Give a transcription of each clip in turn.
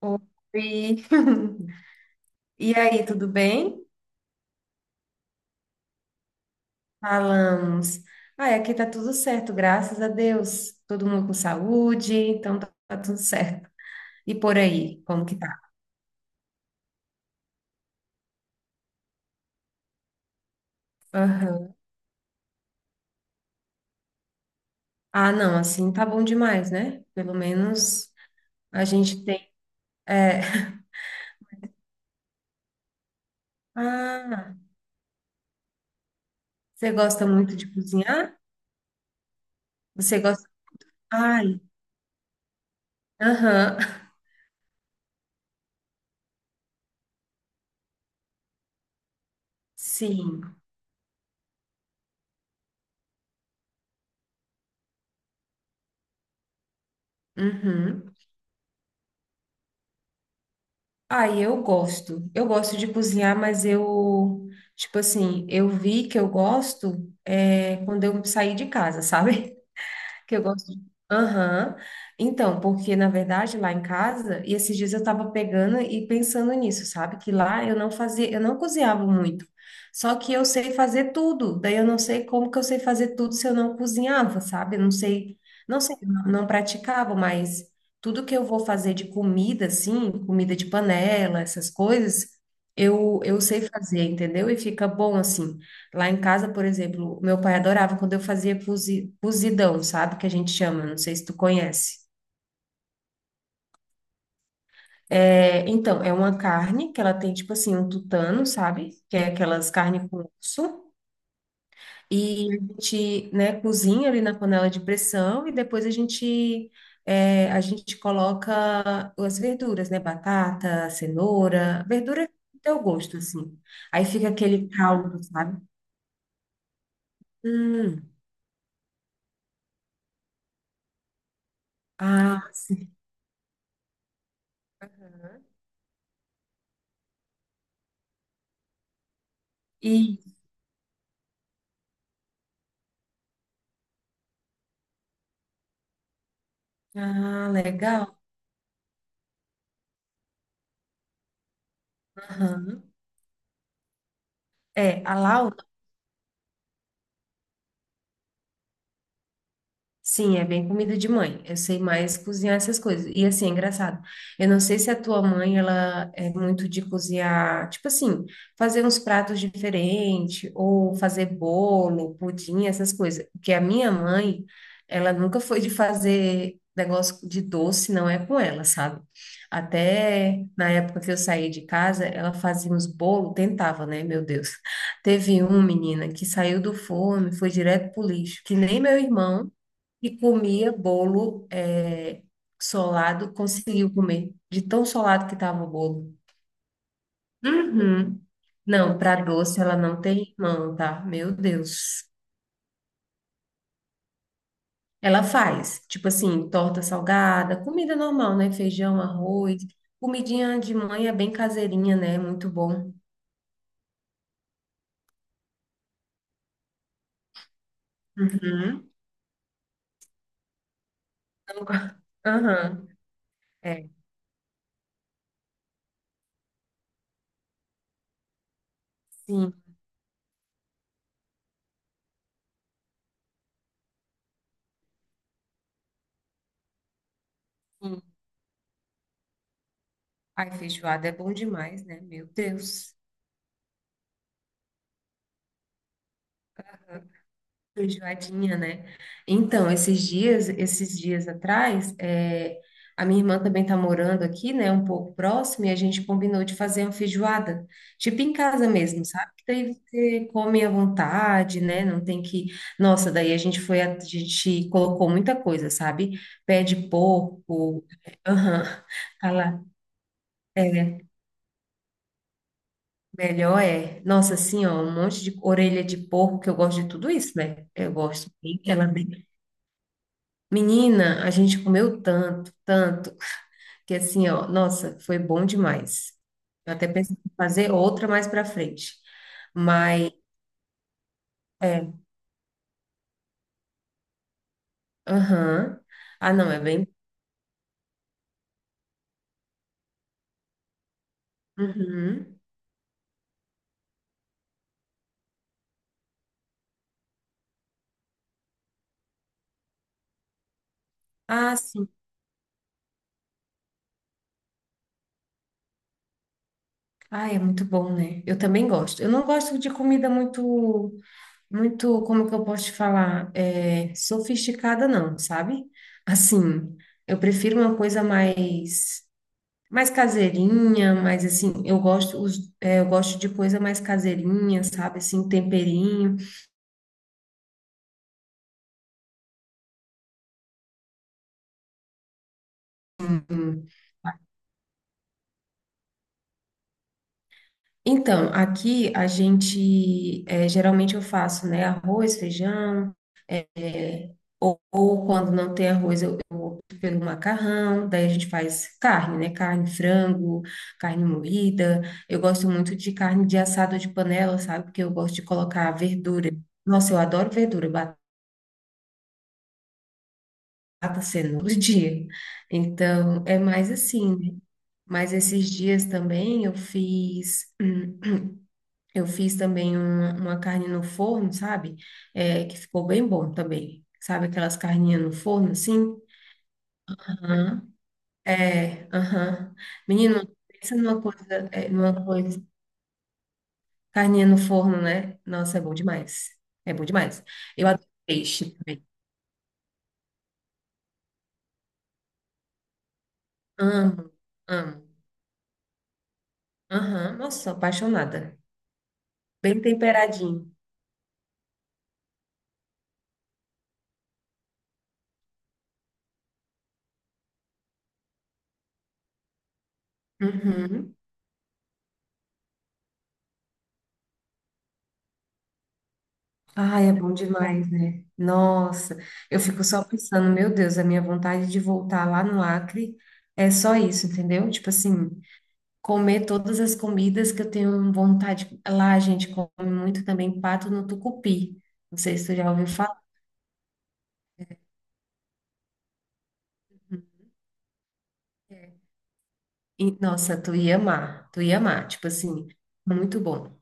Oi. E aí, tudo bem? Falamos. Ah, aqui tá tudo certo, graças a Deus. Todo mundo com saúde, então tá, tudo certo. E por aí, como que tá? Aham. Ah, não, assim tá bom demais, né? Pelo menos a gente tem. É. Ah, você gosta muito de cozinhar? Você gosta. Ai, aham. Sim. Uhum. Ah, e eu gosto. Eu gosto de cozinhar, tipo assim, eu vi que eu gosto é, quando eu saí de casa, sabe? Que eu gosto. Aham. Então, porque na verdade lá em casa, e esses dias eu tava pegando e pensando nisso, sabe? Que lá eu não fazia, eu não cozinhava muito. Só que eu sei fazer tudo. Daí eu não sei como que eu sei fazer tudo se eu não cozinhava, sabe? Eu não sei, não praticava, mas tudo que eu vou fazer de comida assim, comida de panela, essas coisas, eu sei fazer, entendeu? E fica bom assim. Lá em casa, por exemplo, meu pai adorava quando eu fazia cozidão, sabe? Que a gente chama, não sei se tu conhece. É, então, é uma carne que ela tem, tipo assim, um tutano, sabe? Que é aquelas carnes com osso. E a gente, né, cozinha ali na panela de pressão e depois a gente, é, a gente coloca as verduras, né? Batata, cenoura, verdura do teu gosto, assim. Aí fica aquele caldo, sabe? Hum, ah, sim. Aham. Ah, legal. Aham. É, a Lau, sim, é bem comida de mãe. Eu sei mais cozinhar essas coisas. E assim, é engraçado. Eu não sei se a tua mãe, ela é muito de cozinhar, tipo assim, fazer uns pratos diferentes, ou fazer bolo, pudim, essas coisas. Porque a minha mãe, ela nunca foi de fazer negócio de doce, não é com ela, sabe? Até na época que eu saí de casa, ela fazia uns bolos, tentava, né? Meu Deus. Teve um, menina, que saiu do forno, e foi direto pro lixo, que nem meu irmão e comia bolo é, solado, conseguiu comer, de tão solado que estava o bolo. Uhum. Não, para doce ela não tem mão, tá? Meu Deus. Ela faz, tipo assim, torta salgada, comida normal, né? Feijão, arroz, comidinha de mãe é bem caseirinha, né? Muito bom. Uhum. Não go- Aham. É, sim, sim. Ai, feijoada é bom demais, né? Meu Deus. Enjoadinha, né? Então, esses dias atrás, é, a minha irmã também tá morando aqui, né? Um pouco próximo, e a gente combinou de fazer uma feijoada, tipo em casa mesmo, sabe? Que daí você come à vontade, né? Não tem que. Nossa, daí a gente foi, a gente colocou muita coisa, sabe? Pé de porco, aham, tá lá. É, melhor é. Nossa, assim, ó, um monte de orelha de porco, que eu gosto de tudo isso, né? Eu gosto bem, ela menina, a gente comeu tanto, que assim, ó, nossa, foi bom demais. Eu até pensei em fazer outra mais pra frente. Mas, é, aham. Ah, não, é bem. Uhum. Ah, sim. Ah, é muito bom, né? Eu também gosto. Eu não gosto de comida muito, como que eu posso te falar? É, sofisticada, não, sabe? Assim, eu prefiro uma coisa mais. Mais caseirinha, mas assim, eu gosto, os, é, eu gosto de coisa mais caseirinha, sabe? Assim, temperinho. Então, aqui a gente, é, geralmente eu faço, né? Arroz, feijão, é, ou quando não tem arroz, eu opto pelo macarrão. Daí a gente faz carne, né? Carne, frango, carne moída. Eu gosto muito de carne de assado de panela, sabe? Porque eu gosto de colocar verdura. Nossa, eu adoro verdura, batata, cenoura, dia. Então, é mais assim, né? Mas esses dias também eu fiz, eu fiz também uma carne no forno, sabe? É, que ficou bem bom também. Sabe aquelas carninhas no forno, assim? Aham. É, aham. Menino, pensa numa coisa, é, numa coisa. Carninha no forno, né? Nossa, é bom demais. É bom demais. Eu adoro peixe também. Amo, amo. Aham, nossa, sou apaixonada. Bem temperadinho. Uhum. Ai, é bom demais, né? Nossa, eu fico só pensando, meu Deus, a minha vontade de voltar lá no Acre é só isso, entendeu? Tipo assim, comer todas as comidas que eu tenho vontade. Lá a gente come muito também pato no tucupi. Não sei se tu já ouviu falar. E, nossa, tu ia amar, tipo assim, muito bom.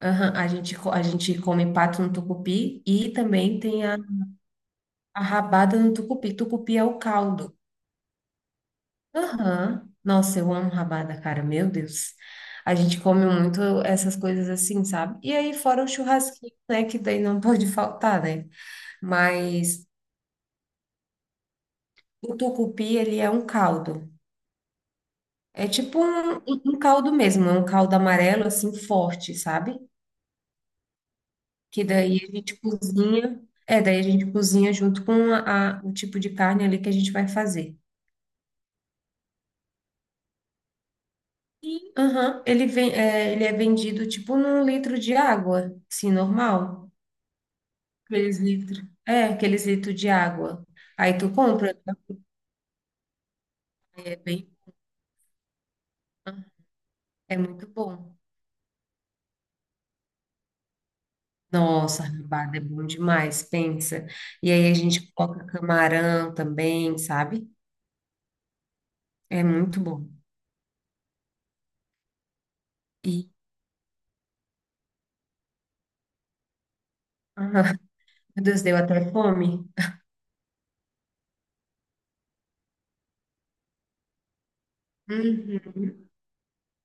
Aham, a gente come pato no tucupi e também tem a rabada no tucupi. Tucupi é o caldo. Aham. Nossa, eu amo rabada, cara. Meu Deus. A gente come muito essas coisas assim, sabe? E aí, fora o churrasquinho, né? Que daí não pode faltar, né? Mas o tucupi, ele é um caldo. É tipo um caldo mesmo, é um caldo amarelo, assim, forte, sabe? Que daí a gente cozinha. É, daí a gente cozinha junto com a, o tipo de carne ali que a gente vai fazer. E, aham, ele vem, é, ele é vendido tipo num litro de água, assim, normal. Aqueles litros. É, aqueles litros de água. Aí tu compra, né? É bem, é muito bom. Nossa, rabada é bom demais, pensa. E aí a gente coloca camarão também, sabe? É muito bom. E, ah, meu Deus, deu até fome. Uhum,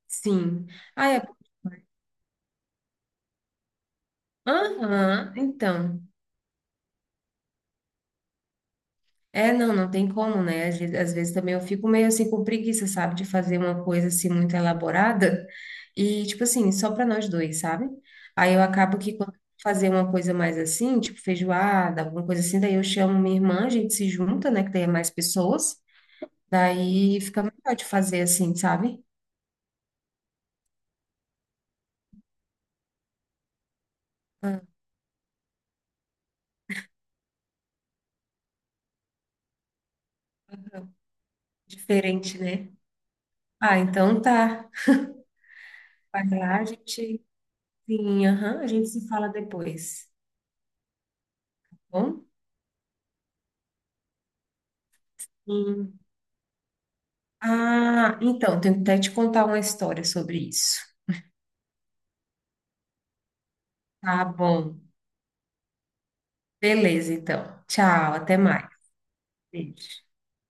sim. Ah, é... Aham, então. É, não, não tem como, né? Às vezes também eu fico meio assim com preguiça, sabe, de fazer uma coisa assim muito elaborada e tipo assim, só para nós dois, sabe? Aí eu acabo que quando eu fazer uma coisa mais assim, tipo feijoada, alguma coisa assim, daí eu chamo minha irmã, a gente se junta, né, que daí é mais pessoas, daí fica melhor de fazer assim, sabe? Ah, diferente, né? Ah, então tá. Vai lá, a gente, sim, aham, a gente se fala depois, tá bom? Sim. Ah, então, tenho que até te contar uma história sobre isso. Tá bom. Beleza, então. Tchau, até mais. Beijo.